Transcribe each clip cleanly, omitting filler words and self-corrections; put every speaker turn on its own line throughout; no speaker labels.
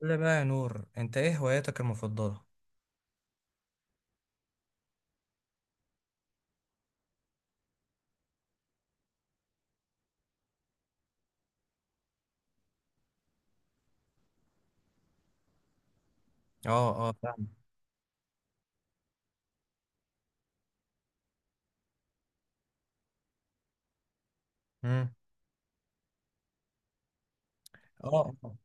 قول لي بقى يا نور، انت ايه هواياتك المفضلة؟ اه فاهم. امم. اه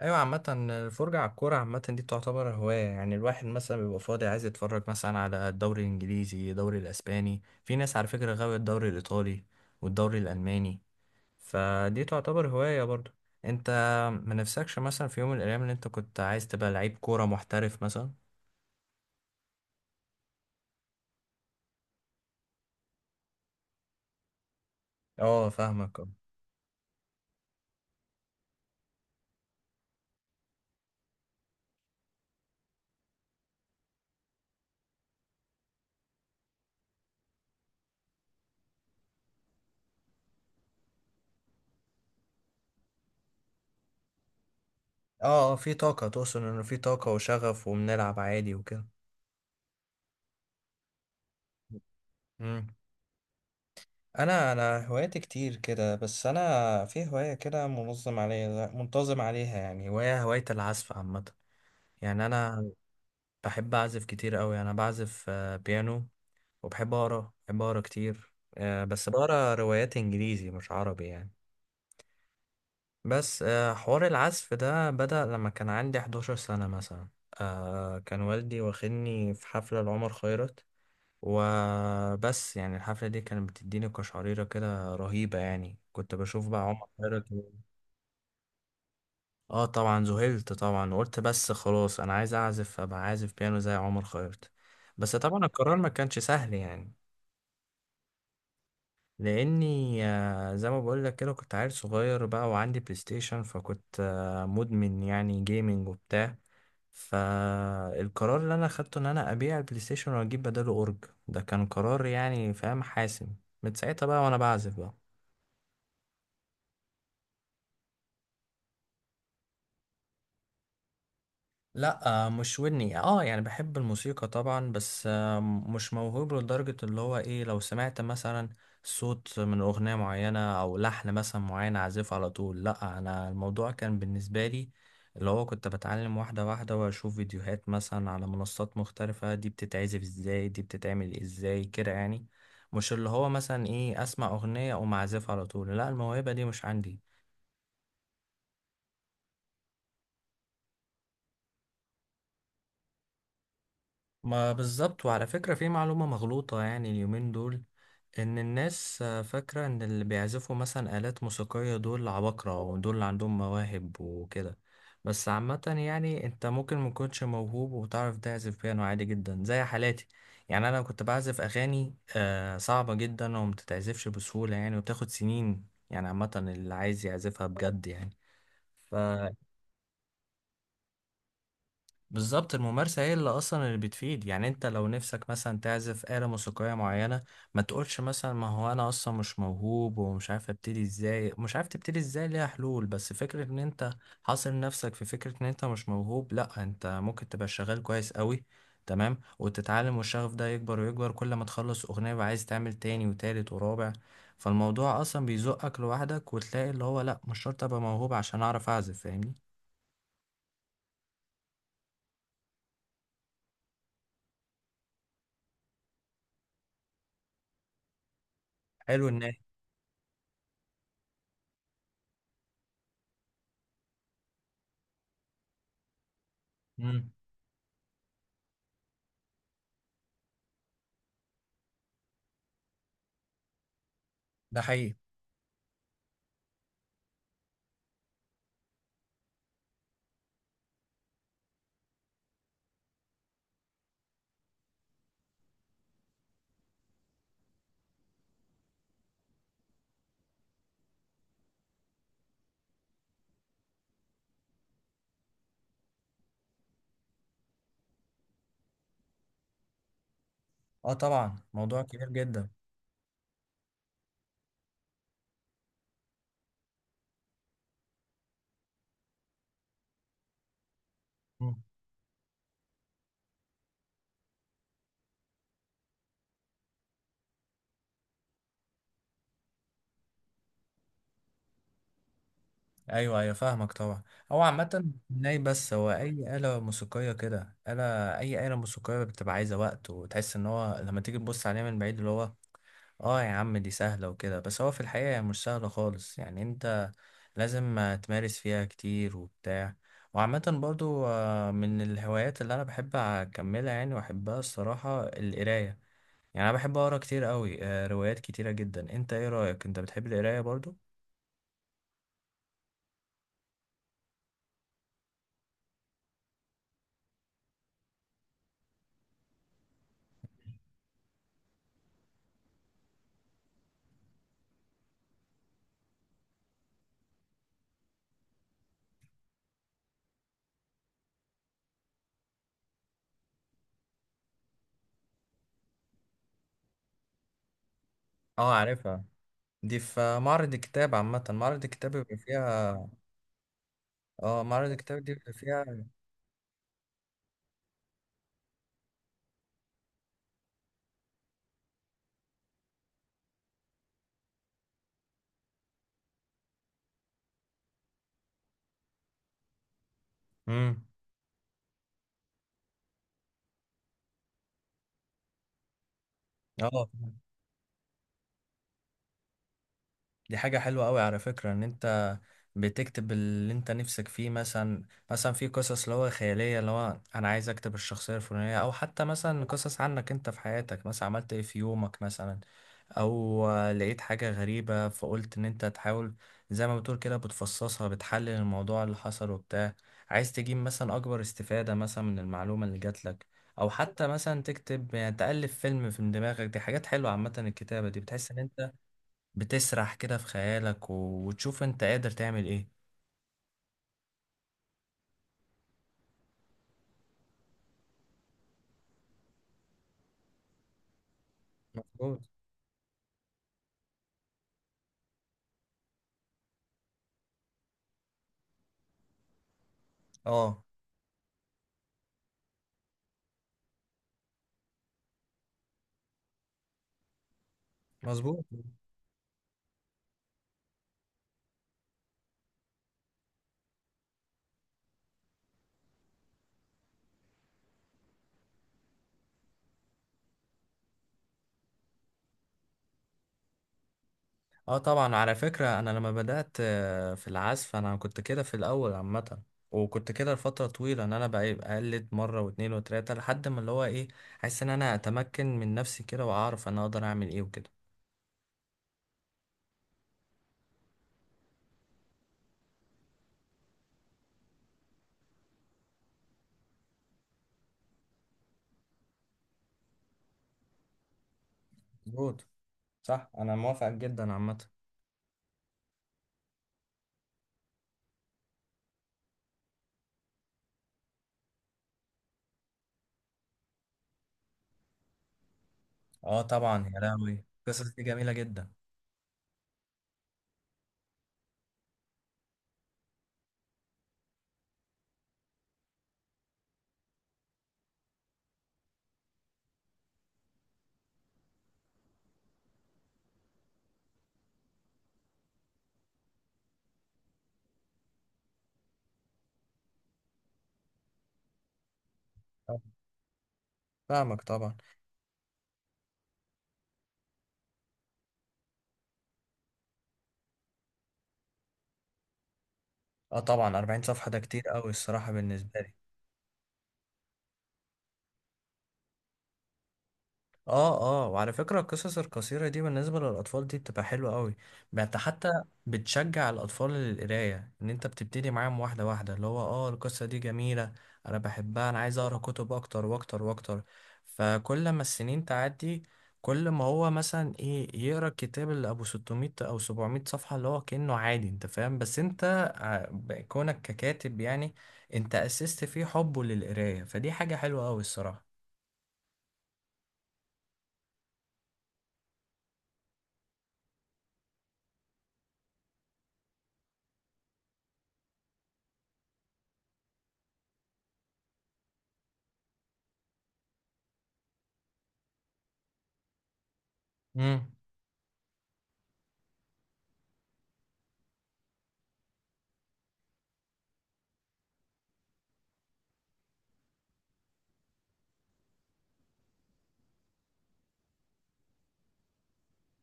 ايوه، عامة الفرجة على الكورة عامة دي تعتبر هواية. يعني الواحد مثلا بيبقى فاضي عايز يتفرج مثلا على الدوري الانجليزي، الدوري الاسباني، في ناس على فكرة غاوية الدوري الايطالي والدوري الالماني، فدي تعتبر هواية برضو. انت ما نفسكش مثلا في يوم من الايام ان انت كنت عايز تبقى لعيب كورة محترف مثلا؟ اه فاهمك، اه. اه، في طاقة، تقصد انه في طاقة وشغف وبنلعب عادي وكده. مم. انا هواياتي كتير كده، بس انا في هوايه كده منظم عليها، منتظم عليها، يعني هوايه العزف عامه. يعني انا بحب اعزف كتير قوي، انا بعزف بيانو. وبحب اقرا، بحب اقرا كتير، بس بقرا روايات انجليزي مش عربي يعني. بس حوار العزف ده بدأ لما كان عندي 11 سنه مثلا. كان والدي واخدني في حفله لعمر خيرت، وبس يعني الحفلة دي كانت بتديني قشعريرة كده رهيبة يعني، كنت بشوف بقى عمر خيرت اه طبعا ذهلت طبعا، وقلت بس خلاص انا عايز اعزف، ابقى عازف بيانو زي عمر خيرت. بس طبعا القرار ما كانش سهل يعني، لاني زي ما بقول لك كده كنت عيل صغير بقى وعندي بلاي ستيشن، فكنت مدمن يعني جيمنج وبتاع. فالقرار اللي انا اخدته ان انا ابيع البلاي ستيشن واجيب بداله اورج، ده كان قرار يعني فاهم حاسم. من ساعتها بقى وانا بعزف بقى. لا مش ودني، اه يعني بحب الموسيقى طبعا، بس مش موهوب لدرجة اللي هو ايه لو سمعت مثلا صوت من أغنية معينة أو لحن مثلا معين أعزفه على طول، لا. أنا الموضوع كان بالنسبة لي اللي هو كنت بتعلم واحدة واحدة وأشوف فيديوهات مثلا على منصات مختلفة، دي بتتعزف ازاي، دي بتتعمل ازاي كده يعني. مش اللي هو مثلا ايه أسمع أغنية أقوم أعزفها على طول، لا، الموهبة دي مش عندي. ما بالظبط، وعلى فكرة في معلومة مغلوطة يعني اليومين دول، إن الناس فاكرة إن اللي بيعزفوا مثلا آلات موسيقية دول عباقرة ودول اللي عندهم مواهب وكده. بس عامة يعني أنت ممكن مكنتش موهوب وتعرف تعزف بيانو عادي جدا زي حالاتي. يعني أنا كنت بعزف أغاني صعبة جدا ومتتعزفش بسهولة يعني، وبتاخد سنين يعني عامة اللي عايز يعزفها بجد يعني. بالظبط، الممارسة هي اللي أصلا اللي بتفيد يعني. أنت لو نفسك مثلا تعزف آلة موسيقية معينة، ما تقولش مثلا ما هو أنا أصلا مش موهوب ومش عارف أبتدي إزاي. مش عارف تبتدي إزاي، ليها حلول، بس فكرة إن أنت حاصر نفسك في فكرة إن أنت مش موهوب، لأ، أنت ممكن تبقى شغال كويس قوي تمام، وتتعلم، والشغف ده يكبر ويكبر كل ما تخلص أغنية وعايز تعمل تاني وتالت ورابع. فالموضوع أصلا بيزقك لوحدك وتلاقي اللي هو لأ، مش شرط أبقى موهوب عشان أعرف أعزف، فاهمني. حلو إن. مم. ده حقيقي. اه طبعا، موضوع كبير جدا. مم. ايوه ايوه، فاهمك طبعا. هو عامة ناي، بس هو اي آلة موسيقية كده، آلة، اي آلة موسيقية بتبقى عايزة وقت، وتحس ان هو لما تيجي تبص عليها من بعيد اللي هو اه يا عم دي سهلة وكده، بس هو في الحقيقة هي مش سهلة خالص يعني، انت لازم تمارس فيها كتير وبتاع. وعامة برضو من الهوايات اللي انا بحب اكملها يعني واحبها الصراحة القراية. يعني انا بحب اقرا كتير قوي، روايات كتيرة جدا. انت ايه رأيك، انت بتحب القراية برضو؟ اه عارفها، دي في معرض الكتاب، عامة معرض الكتاب بيبقى فيها. اه معرض الكتاب دي بيبقى فيها. امم. اه، دي حاجة حلوة قوي على فكرة، ان انت بتكتب اللي انت نفسك فيه مثلا، مثلا في قصص اللي هو خيالية اللي هو انا عايز اكتب الشخصية الفلانية، او حتى مثلا قصص عنك انت في حياتك، مثلا عملت ايه في يومك مثلا، او لقيت حاجة غريبة فقلت ان انت تحاول زي ما بتقول كده بتفصصها، بتحلل الموضوع اللي حصل وبتاع، عايز تجيب مثلا اكبر استفادة مثلا من المعلومة اللي جات لك، او حتى مثلا تكتب يعني تألف فيلم في دماغك. دي حاجات حلوة عامة الكتابة دي، بتحس ان انت بتسرح كده في خيالك وتشوف انت قادر تعمل ايه. مظبوط. اه. مظبوط. اه طبعا، على فكرة انا لما بدأت في العزف انا كنت كده في الاول عامة، وكنت كده لفترة طويلة ان انا بقى بقلد مرة واتنين وتلاتة لحد ما اللي هو ايه حاسس ان انا اتمكن من نفسي كده واعرف انا اقدر اعمل ايه وكده. مظبوط. صح، انا موافق جدا عامة. اه طبعا، يا لهوي القصص دي جميلة جدا. آه، فاهمك طبعا. اه طبعا 40 صفحة ده كتير قوي الصراحة بالنسبة لي. اه. اه، وعلى فكرة القصص القصيرة دي بالنسبة للأطفال دي بتبقى حلوة قوي. انت حتى بتشجع الأطفال للقراية ان انت بتبتدي معاهم واحدة واحدة، اللي هو اه القصة دي جميلة، انا بحبها، انا عايز اقرا كتب اكتر واكتر واكتر. فكل ما السنين تعدي كل ما هو مثلا ايه يقرا الكتاب اللي ابو 600 او 700 صفحة اللي هو كأنه عادي انت فاهم. بس انت كونك ككاتب يعني، انت اسست فيه حبه للقراية، فدي حاجة حلوة قوي الصراحة.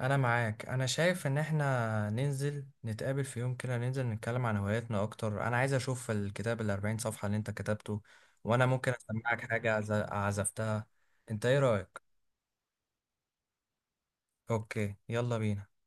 انا معاك، انا شايف ان احنا ننزل نتقابل في يوم كده، ننزل نتكلم عن هواياتنا اكتر. انا عايز اشوف الكتاب الاربعين صفحة اللي انت كتبته، وانا ممكن اسمعك حاجة عزفتها. انت ايه رأيك؟ اوكي، يلا بينا.